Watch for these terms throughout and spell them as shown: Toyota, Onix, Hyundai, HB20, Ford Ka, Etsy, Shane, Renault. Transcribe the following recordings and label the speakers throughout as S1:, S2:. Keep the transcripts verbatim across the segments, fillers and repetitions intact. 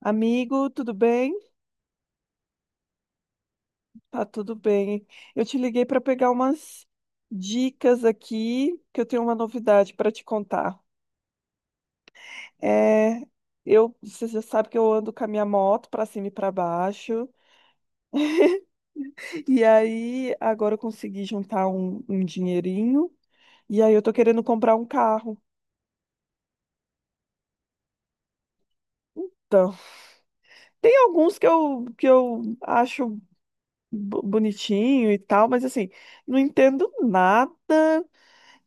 S1: Amigo, tudo bem? Tá tudo bem. Eu te liguei para pegar umas dicas aqui, que eu tenho uma novidade para te contar. É, eu, você já sabe que eu ando com a minha moto para cima e para baixo, e aí agora eu consegui juntar um, um dinheirinho, e aí eu tô querendo comprar um carro. Então, tem alguns que eu, que eu acho bo- bonitinho e tal, mas assim, não entendo nada.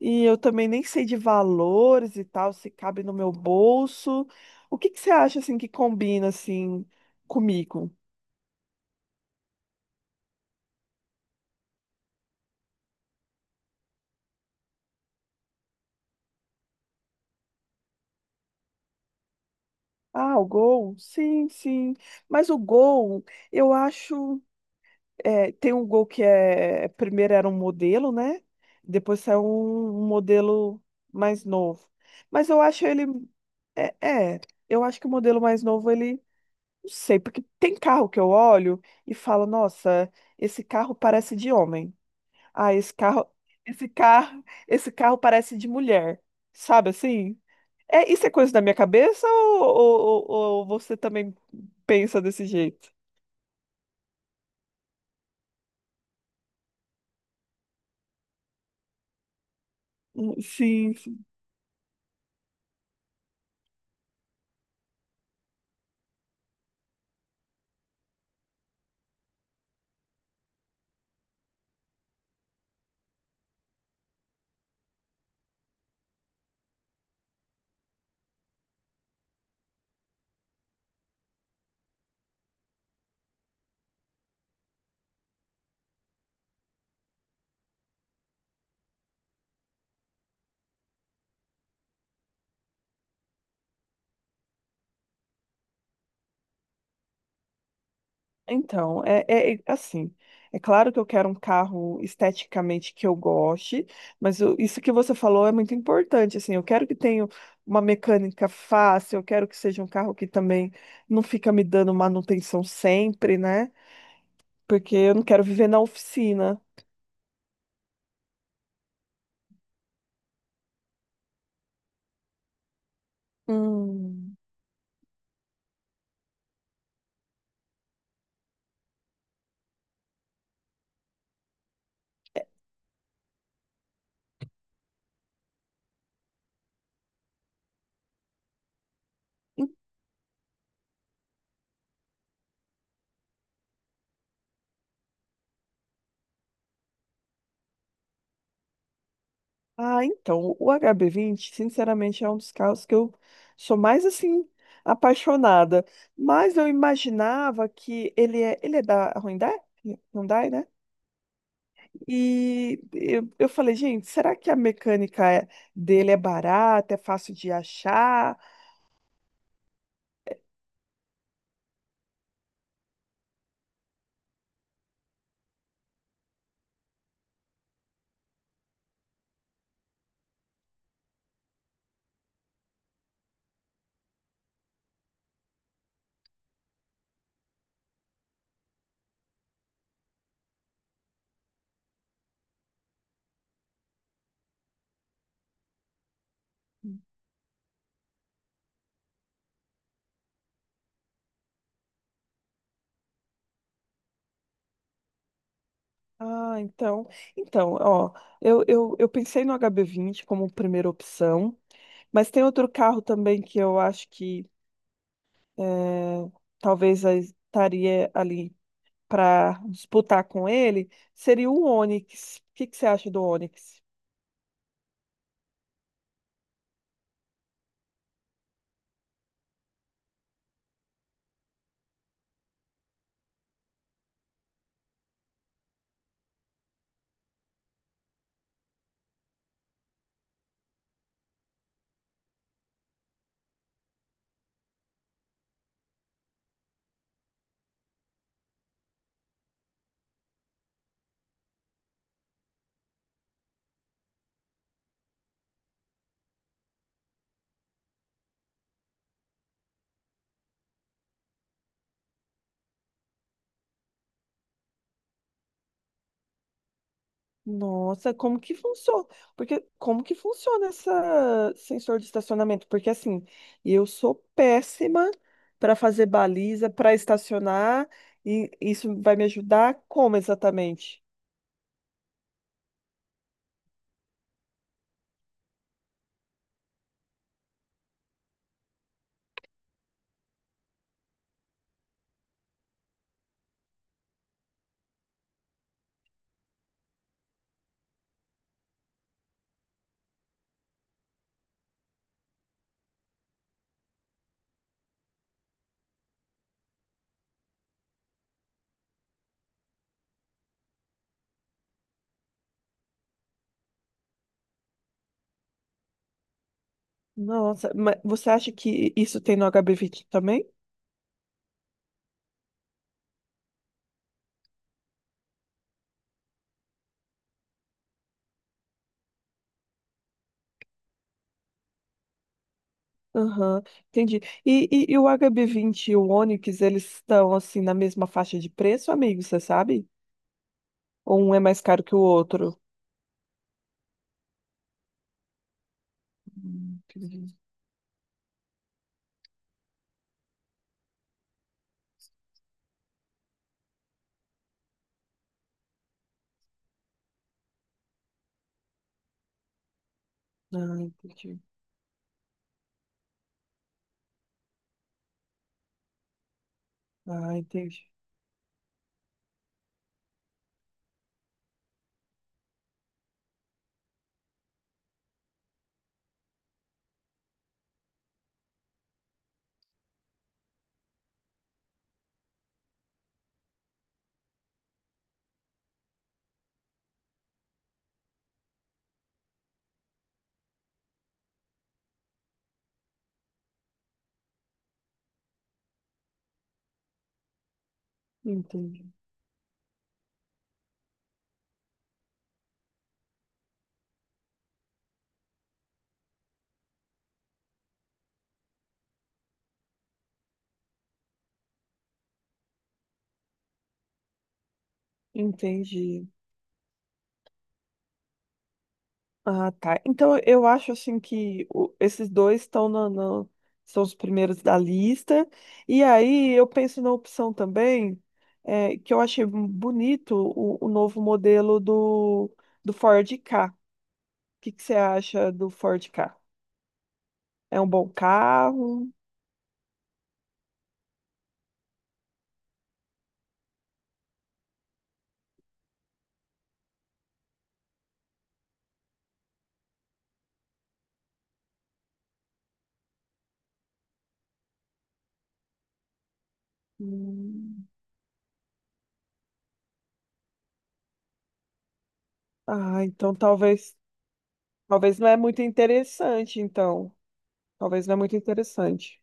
S1: E eu também nem sei de valores e tal, se cabe no meu bolso. O que que você acha assim que combina assim comigo? Ah, o Gol? Sim, sim. Mas o Gol, eu acho, é, tem um Gol que é primeiro era um modelo, né? Depois saiu um, um modelo mais novo. Mas eu acho ele é, é, eu acho que o modelo mais novo ele não sei, porque tem carro que eu olho e falo, nossa, esse carro parece de homem. Ah, esse carro, esse carro, esse carro parece de mulher, sabe assim? É, isso é coisa da minha cabeça ou, ou- ou- ou você também pensa desse jeito? Hum. Sim, sim. Então, é, é- é assim. É claro que eu quero um carro esteticamente que eu goste, mas eu- isso que você falou é muito importante, assim. Eu quero que tenha uma mecânica fácil, eu quero que seja um carro que também não fica me dando manutenção sempre, né? Porque eu não quero viver na oficina. Hum. En- Ah, então, o H B vinte, sinceramente, é um dos carros que eu sou mais, assim, apaixonada. Mas eu imaginava que ele é, ele é da Hyundai, Hyundai, né? E eu, eu falei, gente, será que a mecânica é- dele é barata, é fácil de achar? Ah, então, então, ó, eu, eu, eu pensei no H B vinte como primeira opção, mas tem outro carro também que eu acho que eh, talvez a- estaria ali para disputar com ele seria o Onix. O que que você acha do Onix? Nossa, como que funciona? Porque como que funciona esse sensor de estacionamento? Porque assim, eu sou péssima para fazer baliza, para estacionar, e isso vai me ajudar como exatamente? Nossa, mas você acha que isso tem no hb vinte também? Aham, entendi. E, e, e o hb vinte, e o Onix, eles estão assim na mesma faixa de preço, amigo, você sabe? Ou um é mais caro que o outro? Hum, entendi. Ah, entendi. Ah, entendi. Entendi. Entendi. Ah, tá. Então eu acho assim que o- esses dois estão na, na- são os primeiros da lista. E aí eu penso na opção também, eh, que eu achei um bonito o, o novo modelo do, do Ford Ka. O que que você acha do Ford Ka? É um bom carro? Hum. Ah, então talvez, talvez não é muito interessante, então. Talvez não é muito interessante.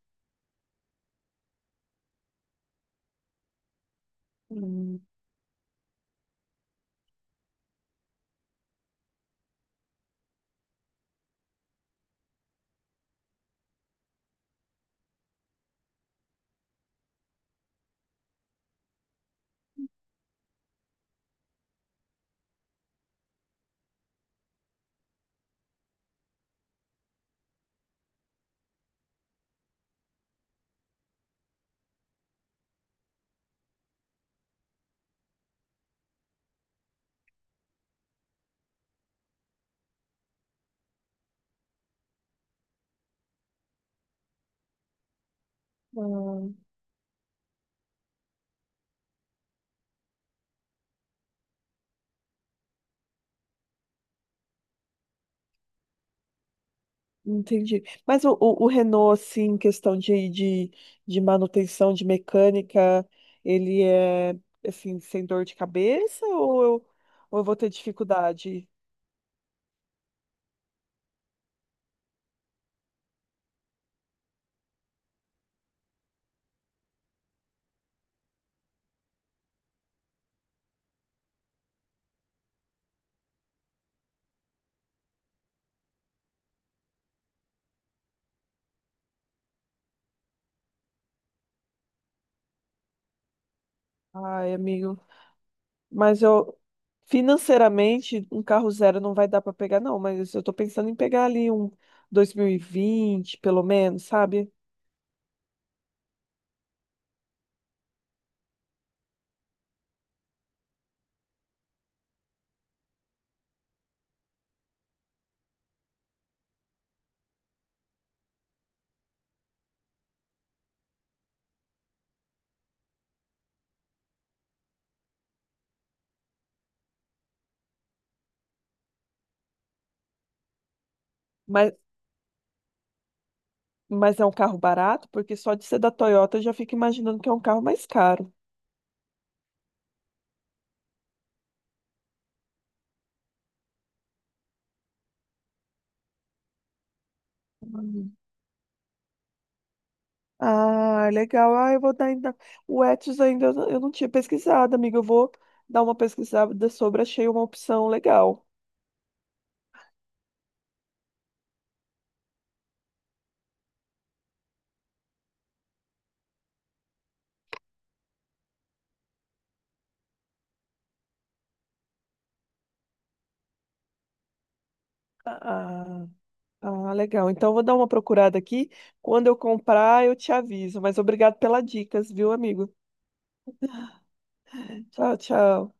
S1: Hum, ah. Entendi. Mas o, o, o Renault, assim, em questão de, de, de manutenção, de mecânica, ele é, assim, sem dor de cabeça ou eu, ou eu vou ter dificuldade? Ai, amigo. Mas eu, financeiramente, um carro zero não vai dar para pegar, não. Mas eu tô pensando em pegar ali um dois mil e vinte, pelo menos, sabe? Mas, mas é um carro barato, porque só de ser da Toyota eu já fico imaginando que é um carro mais caro. Ah, legal. Ah, eu vou dar ainda. O Etsy ainda eu não eu não tinha pesquisado, amiga. Eu vou dar uma pesquisada sobre, achei uma opção legal. Ah, ah, legal. Então eu vou dar uma procurada aqui. Quando eu comprar, eu te aviso. Mas obrigado pelas dicas, viu, amigo? Tchau, tchau.